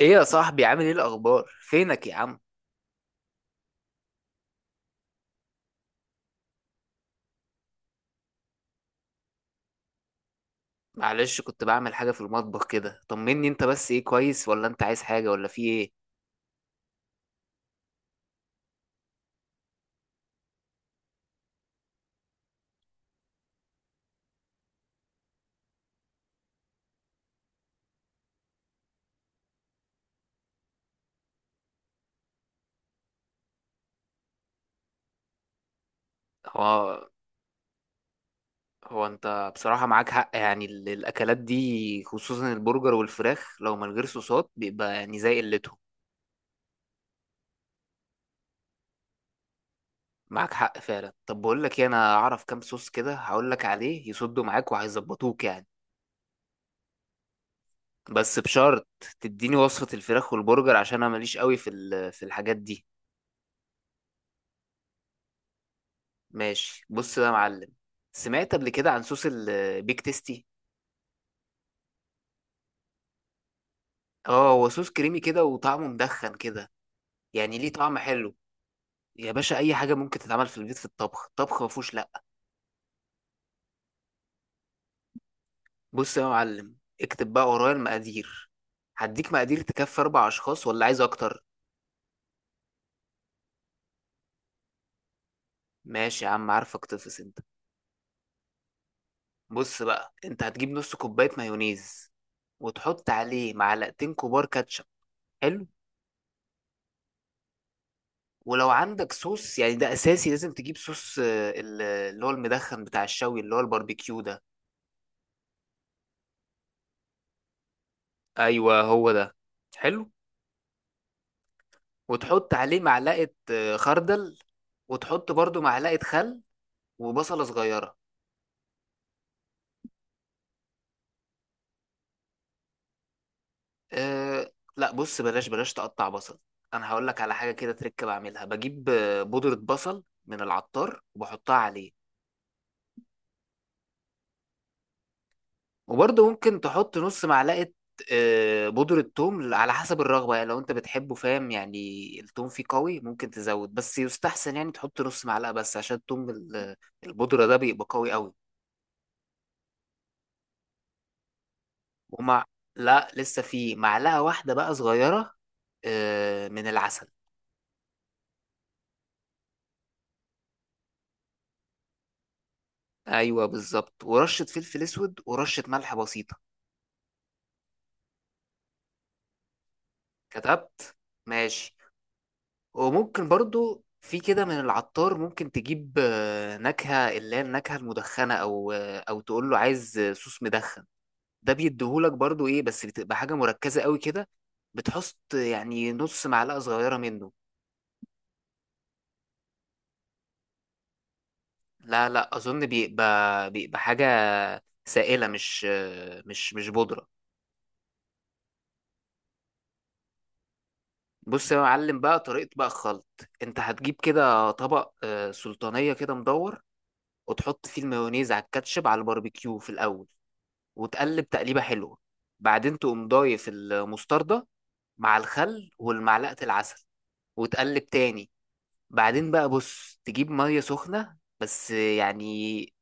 ايه يا صاحبي، عامل ايه؟ الاخبار؟ فينك يا عم؟ معلش، كنت بعمل حاجه في المطبخ كده. طمني انت بس، ايه؟ كويس ولا انت عايز حاجه ولا في ايه؟ هو هو انت بصراحه معاك حق، يعني الاكلات دي خصوصا البرجر والفراخ لو من غير صوصات بيبقى يعني زي قلتهم. معاك حق فعلا. طب بقول لك ايه، انا اعرف كام صوص كده هقول لك عليه يصدوا معاك وهيظبطوك يعني. بس بشرط، تديني وصفه الفراخ والبرجر عشان انا ماليش قوي في الحاجات دي. ماشي، بص بقى يا معلم، سمعت قبل كده عن صوص البيك تيستي؟ اه، هو صوص كريمي كده وطعمه مدخن كده، يعني ليه طعم حلو. يا باشا، اي حاجه ممكن تتعمل في البيت. في الطبخ، الطبخ ما فيهوش لا. بص يا معلم، اكتب بقى ورايا المقادير. هديك مقادير تكفي 4 اشخاص، ولا عايز اكتر؟ ماشي يا عم، عارفك تفس انت. بص بقى، انت هتجيب نص كوبايه مايونيز، وتحط عليه معلقتين كبار كاتشب. حلو. ولو عندك صوص، يعني ده اساسي، لازم تجيب صوص اللي هو المدخن بتاع الشوي، اللي هو الباربيكيو ده. ايوه هو ده. حلو. وتحط عليه معلقه خردل. وتحط برضو معلقه خل. وبصله صغيره. أه، لا، بص بلاش بلاش تقطع بصل. انا هقول لك على حاجه كده تركب، بعملها بجيب بودره بصل من العطار وبحطها عليه. وبرضه ممكن تحط نص معلقة بودرة توم على حسب الرغبة، يعني لو انت بتحبه، فاهم، يعني التوم فيه قوي ممكن تزود، بس يستحسن يعني تحط نص معلقة بس عشان توم البودرة ده بيبقى قوي قوي. ومع لا، لسه فيه معلقة واحدة بقى صغيرة من العسل. ايوه بالظبط، ورشة فلفل اسود ورشة ملح بسيطة. كتبت؟ ماشي. وممكن برضو في كده من العطار، ممكن تجيب نكهة، اللي هي النكهة المدخنة، أو تقول له عايز صوص مدخن. ده بيديهولك برضو إيه، بس بتبقى حاجة مركزة قوي كده. بتحط يعني نص معلقة صغيرة منه. لا لا، أظن بيبقى حاجة سائلة، مش آه، مش مش بودرة. بص يا معلم، بقى طريقة بقى الخلط. أنت هتجيب كده طبق سلطانية كده مدور، وتحط فيه المايونيز على الكاتشب على الباربيكيو في الأول، وتقلب تقليبة حلوة. بعدين تقوم ضايف المستردة مع الخل والمعلقة العسل، وتقلب تاني. بعدين بقى بص تجيب مية سخنة، بس يعني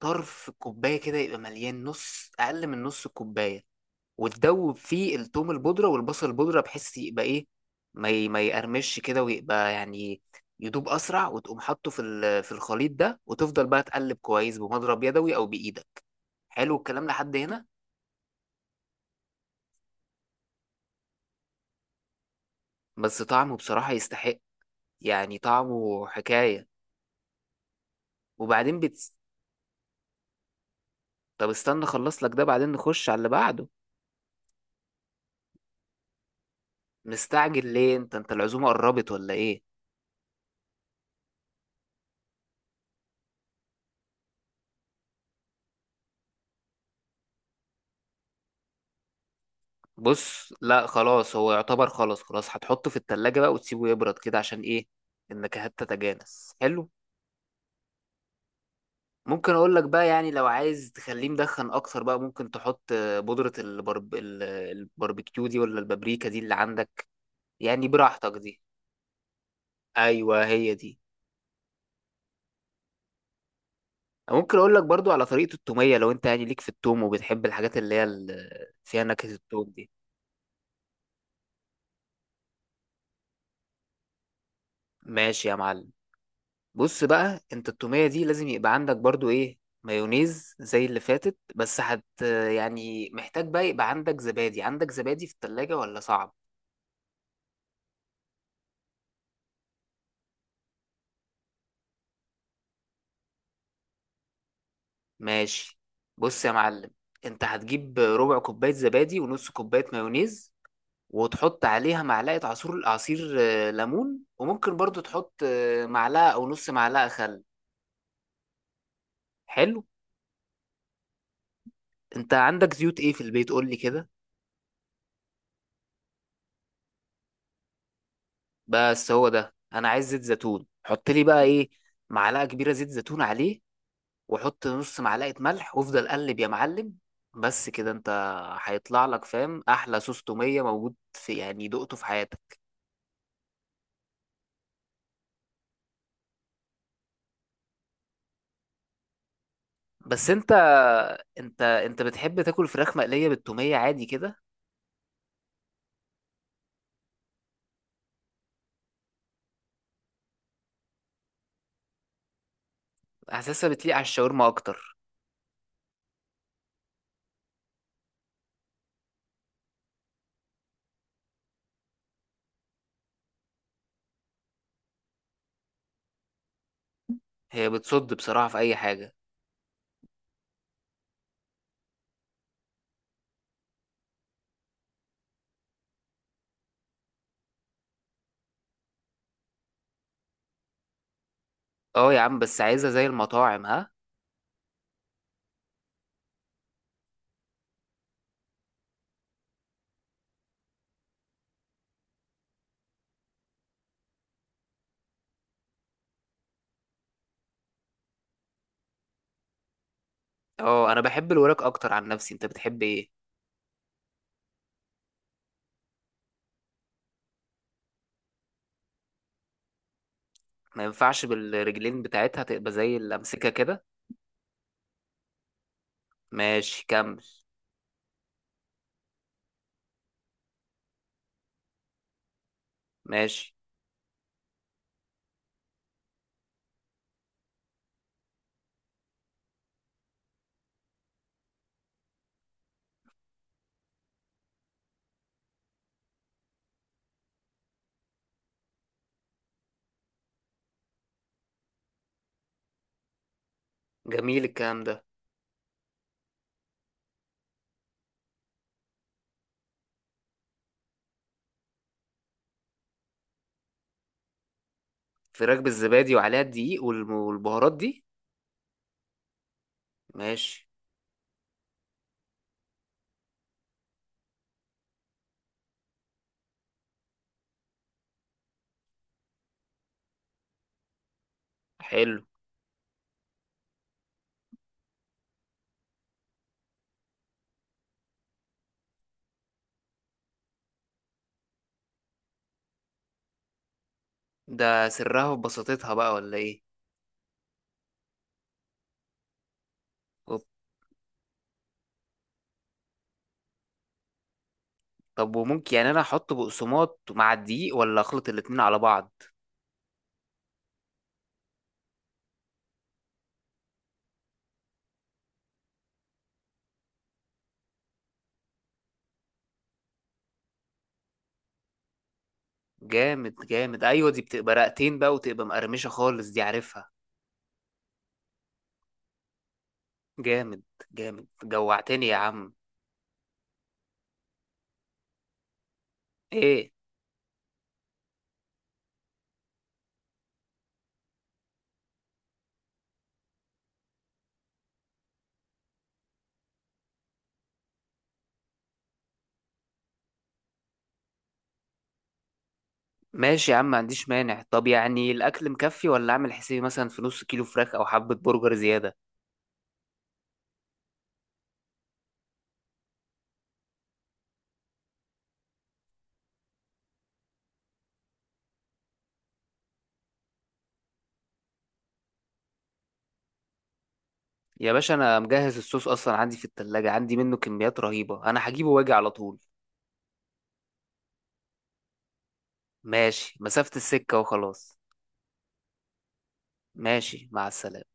طرف الكوباية كده يبقى مليان نص، أقل من نص الكوباية، وتدوب فيه التوم البودرة والبصل البودرة بحيث يبقى إيه، ما يقرمش كده، ويبقى يعني يدوب أسرع، وتقوم حاطه في الخليط ده، وتفضل بقى تقلب كويس بمضرب يدوي أو بإيدك. حلو الكلام لحد هنا. بس طعمه بصراحة يستحق، يعني طعمه حكاية. وبعدين طب استنى اخلص لك ده، بعدين نخش على اللي بعده. مستعجل ليه؟ انت العزومة قربت ولا ايه؟ بص، لا خلاص، هو يعتبر خلاص خلاص، هتحطه في التلاجة بقى وتسيبه يبرد كده عشان ايه، النكهات تتجانس. حلو. ممكن اقول لك بقى، يعني لو عايز تخليه مدخن اكتر بقى، ممكن تحط بودرة الباربيكيو دي، ولا البابريكا دي اللي عندك. يعني براحتك دي. ايوه، هي دي. ممكن اقول لك برضو على طريقة التومية، لو انت يعني ليك في التوم وبتحب الحاجات اللي هي فيها نكهة التوم دي. ماشي يا معلم. بص بقى انت، التومية دي لازم يبقى عندك برضو ايه، مايونيز زي اللي فاتت، بس يعني محتاج بقى يبقى عندك زبادي في التلاجة ولا صعب؟ ماشي، بص يا معلم، انت هتجيب ربع كوباية زبادي ونص كوباية مايونيز، وتحط عليها معلقة عصير ليمون، وممكن برضو تحط معلقة او نص معلقة خل. حلو. انت عندك زيوت ايه في البيت؟ قول لي كده. بس هو ده انا عايز، زيت زيتون، حط لي بقى ايه، معلقه كبيره زيت زيتون عليه، وحط نص معلقه ملح، وافضل قلب يا معلم. بس كده انت، هيطلع لك فاهم احلى صوص توميه موجود في، يعني، دقته في حياتك. بس انت بتحب تاكل فراخ مقليه بالتوميه عادي كده. حاسسها بتليق على الشاورما اكتر. هي بتصد بصراحه في اي حاجه. اه يا عم، بس عايزها زي المطاعم، ها؟ اه، انا بحب الوراك اكتر عن نفسي، انت بتحب ايه؟ ما ينفعش بالرجلين بتاعتها تبقى زي اللي امسكها كده؟ ماشي، كمل. ماشي. جميل الكلام ده. فراخ بالزبادي وعليها الدقيق والبهارات دي. ماشي. حلو. ده سرها في بساطتها بقى، ولا ايه؟ أوب. طب وممكن يعني انا احط بقسماط مع الدقيق ولا اخلط الاتنين على بعض؟ جامد جامد، ايوه دي بتبقى رقتين بقى وتبقى مقرمشة خالص، دي عارفها. جامد جامد، جوعتني يا عم. ايه؟ ماشي يا عم، ما عنديش مانع. طب يعني الاكل مكفي، ولا اعمل حسابي مثلا في نص كيلو فراخ او حبة برجر زيادة؟ يا باشا، انا مجهز الصوص اصلا عندي في التلاجة، عندي منه كميات رهيبة، انا هجيبه واجي على طول. ماشي، مسافة السكة وخلاص. ماشي، مع السلامة.